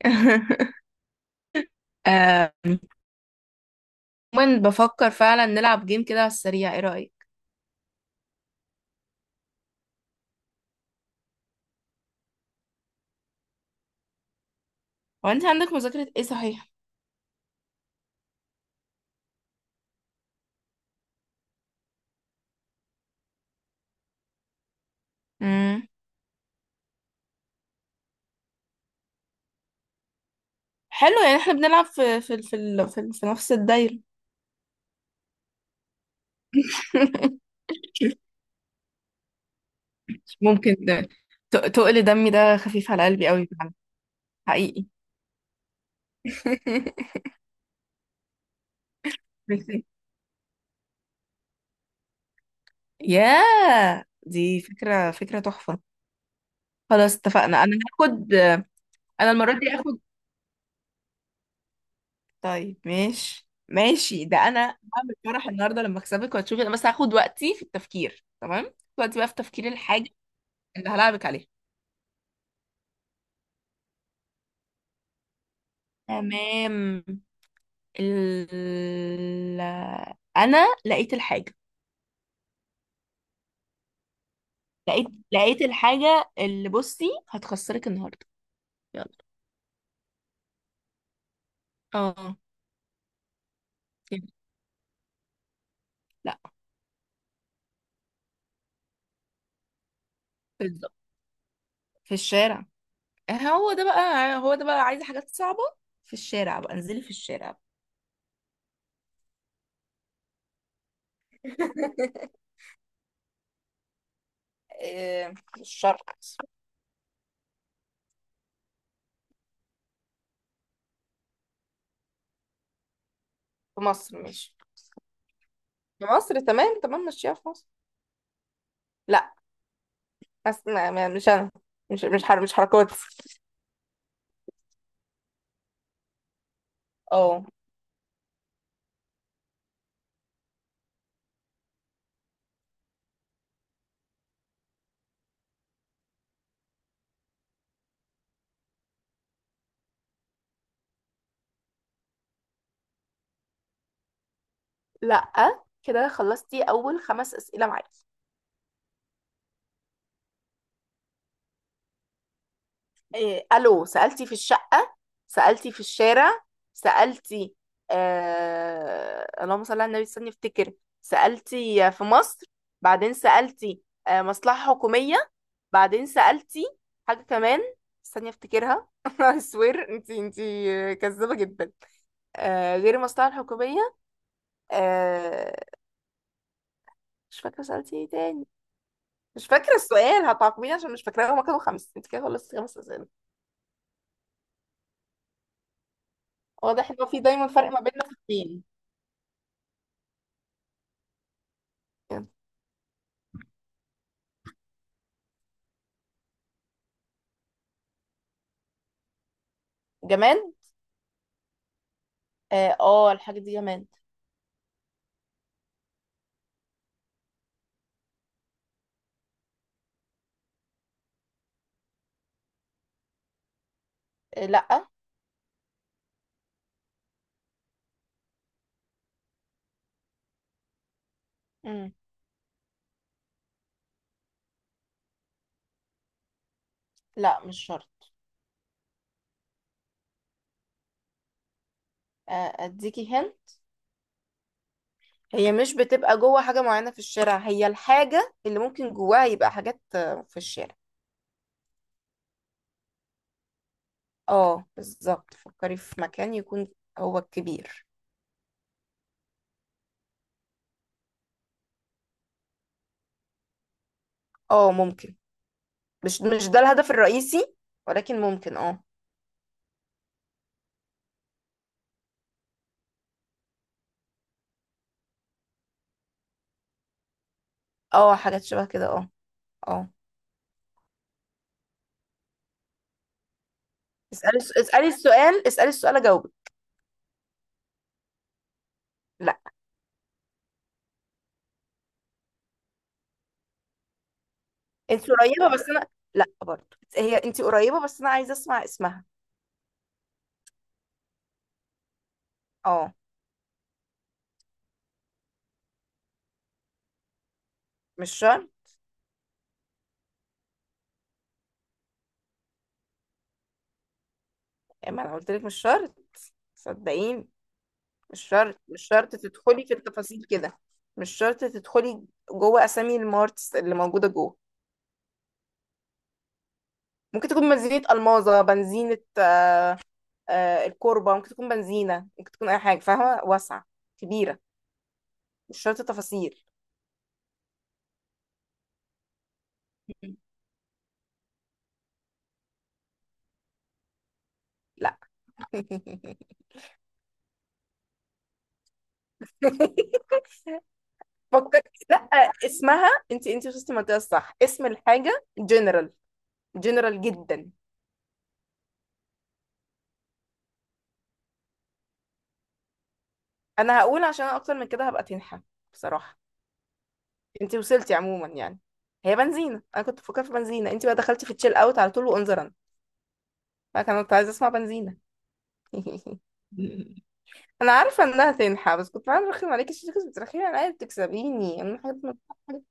آم، عموما بفكر فعلا نلعب جيم كده على السريع، ايه رأيك؟ هو انت عندك مذاكرة ايه، صحيح؟ امم. حلو، يعني احنا بنلعب في نفس الدايرة. ممكن ده. تقل دمي ده خفيف على قلبي قوي فعلا. حقيقي. ميرسي. ياه، دي فكرة فكرة تحفة. خلاص اتفقنا، انا هاخد. انا المرة دي هاخد. طيب ماشي ماشي، ده انا هعمل فرح النهارده لما اكسبك وهتشوفي. انا بس هاخد وقتي في التفكير. تمام، هاخد وقتي بقى في تفكير الحاجه اللي هلعبك عليها. تمام. ال... انا لقيت الحاجه. لقيت لقيت الحاجه اللي بصي هتخسرك النهارده. يلا. اه، كده. لا، بالظبط، في الشارع. آه، هو ده بقى هو ده بقى عايزه حاجات صعبه. في الشارع بقى، انزلي في الشارع. إيه، في الشرق. في مصر، ماشي. في مصر، تمام تمام، ماشية في مصر. لا، بس مش انا. مش حر، مش حركات. اه. لا، كده خلصتي اول خمس اسئله معاكي. إيه الو، سالتي في الشقه، سالتي في الشارع، سالتي. اللهم صل على النبي، استني افتكر. سالتي في مصر، بعدين سالتي مصلحه حكوميه، بعدين سالتي حاجه كمان، استني افتكرها. I swear، انتي كذابه جدا. آه، غير المصلحه الحكوميه. آه. مش فاكرة سألتي ايه تاني، مش فاكرة السؤال. هتعاقبيني عشان مش فاكرة؟ هما كانوا خمس، انت كده خلصتي خمس أسئلة. واضح ان هو في دايما فرق ما بيننا في الدين. جماد، اه. آه، الحاجة دي جماد. آه، لا. مم. لا، مش شرط. آه، اديكي هن. هي مش بتبقى جوه حاجة معينة في الشارع، هي الحاجة اللي ممكن جواها يبقى حاجات في الشارع. اه بالظبط، فكري في مكان يكون هو الكبير. اه، ممكن. مش ده الهدف الرئيسي، ولكن ممكن اه. اه، حاجات شبه كده، اه. اه. اسألي السؤال، اسألي السؤال، اجاوبك. لا، انت قريبة بس انا. لا برضه هي، انت قريبة بس انا عايزة اسمع اسمها. اه. مش شرط، يعني ما انا قلت لك مش شرط، صدقيني. مش شرط، مش شرط تدخلي في التفاصيل كده. مش شرط تدخلي جوه اسامي المارتس اللي موجودة جوه. ممكن تكون بنزينة الماظة، بنزينة الكوربة، ممكن تكون بنزينة، ممكن تكون اي حاجة، فاهمة، واسعة، كبيرة، مش شرط تفاصيل. لا. فكر. لا، اسمها. انت وصلتي المنطقه الصح، اسم الحاجه جنرال، جنرال جدا. انا هقول، عشان أنا اكتر من كده هبقى تنحى بصراحه. انت وصلتي عموما يعني، هي بنزينه، انا كنت بفكر في بنزينه، انت بقى دخلتي في تشيل اوت على طول وانظرا. انا كنت عايزه اسمع بنزينه. انا عارفه انها تنحى، بس كنت عايزه ارخم عليكي عشان كنت بترخمي عليا، بتكسبيني انا حاجه حاجة-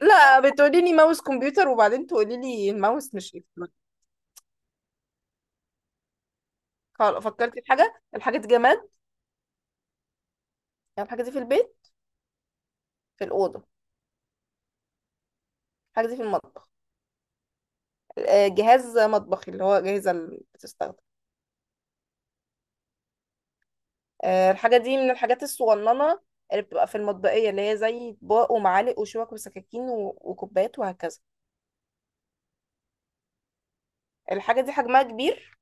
لا. بتقولي لي ماوس كمبيوتر وبعدين تقولي لي الماوس مش يفتح. خلاص فكرتي في حاجه، الحاجه دي جماد، يعني الحاجه دي في البيت، في الأوضة. الحاجة دي في المطبخ. جهاز مطبخي اللي هو جاهزة اللي بتستخدم. الحاجة دي من الحاجات الصغننة اللي بتبقى في المطبخية اللي هي زي أطباق ومعالق وشوك وسكاكين وكوبايات وهكذا. الحاجة دي حجمها كبير.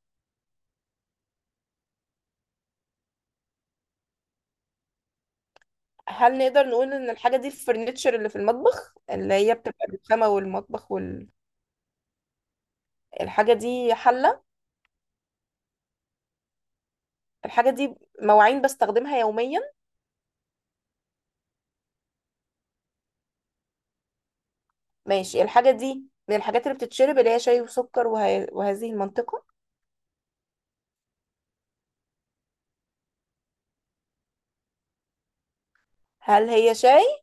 هل نقدر نقول إن الحاجة دي الفرنتشر اللي في المطبخ اللي هي بتبقى الرخامة والمطبخ الحاجة دي حلة. الحاجة دي مواعين بستخدمها يوميا. ماشي، الحاجة دي من الحاجات اللي بتتشرب، اللي هي شاي وسكر وهذه المنطقة. هل هي شاي؟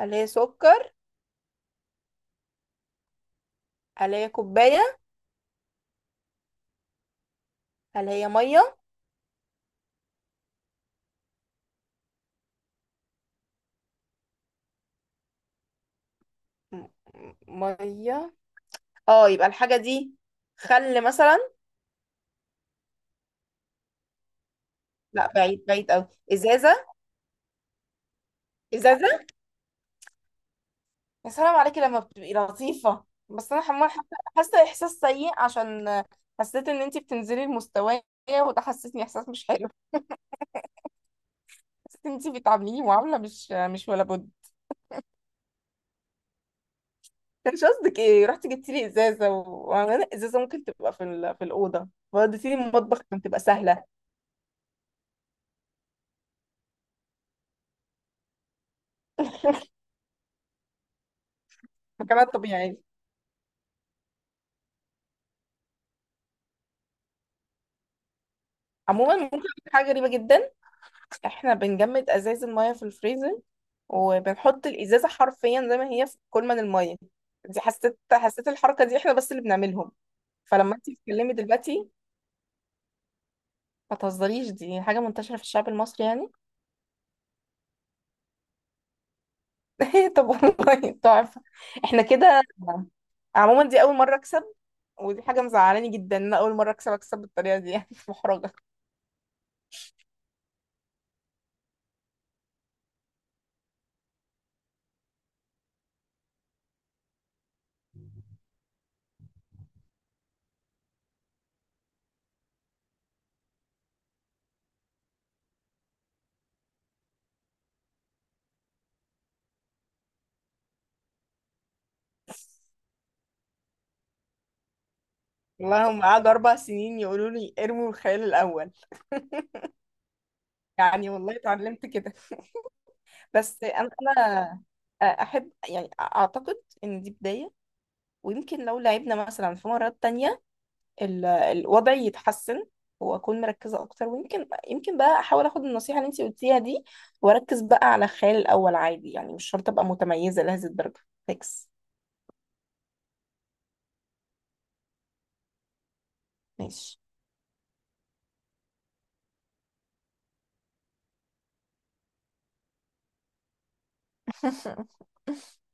هل هي سكر؟ هل هي كوباية؟ هل هي مية؟ م- م- مية، اه. يبقى الحاجة دي، خل مثلا. لا، بعيد بعيد قوي. ازازة. ازازة. يا سلام عليكي لما بتبقي لطيفة، بس انا حمار. حاسة احساس سيء عشان حسيت ان انتي بتنزلي المستوى. وده حسسني احساس مش حلو. حسيت ان انتي بتعامليني معاملة مش ولا بد. كانش قصدك ايه؟ رحتي جبتي لي ازازة وانا ازازة ممكن تبقى في الأوضة، وديتي لي المطبخ، كانت تبقى سهلة. فكانت طبيعي. عموما ممكن أقول لك حاجة غريبة جدا، احنا بنجمد ازاز المية في الفريزر، وبنحط الازازة حرفيا زي ما هي في كولمن المية. دي حسيت الحركة دي احنا بس اللي بنعملهم. فلما انت بتتكلمي دلوقتي. ما تهزريش، دي حاجة منتشرة في الشعب المصري يعني. طب والله تحفة، احنا كده. عموما دي اول مرة اكسب، ودي حاجة مزعلاني جدا ان انا اول مرة اكسب بالطريقة دي يعني. محرجة. والله هم قعدوا 4 سنين يقولوا لي ارموا الخيال الاول، يعني والله اتعلمت كده. بس انا احب، يعني اعتقد ان دي بداية، ويمكن لو لعبنا مثلا في مرات تانية الوضع يتحسن، واكون مركزة اكتر، ويمكن بقى احاول اخد النصيحة اللي انت قلتيها دي، واركز بقى على الخيال الاول عادي يعني، مش شرط ابقى متميزة لهذه الدرجة. فيكس. ماشي.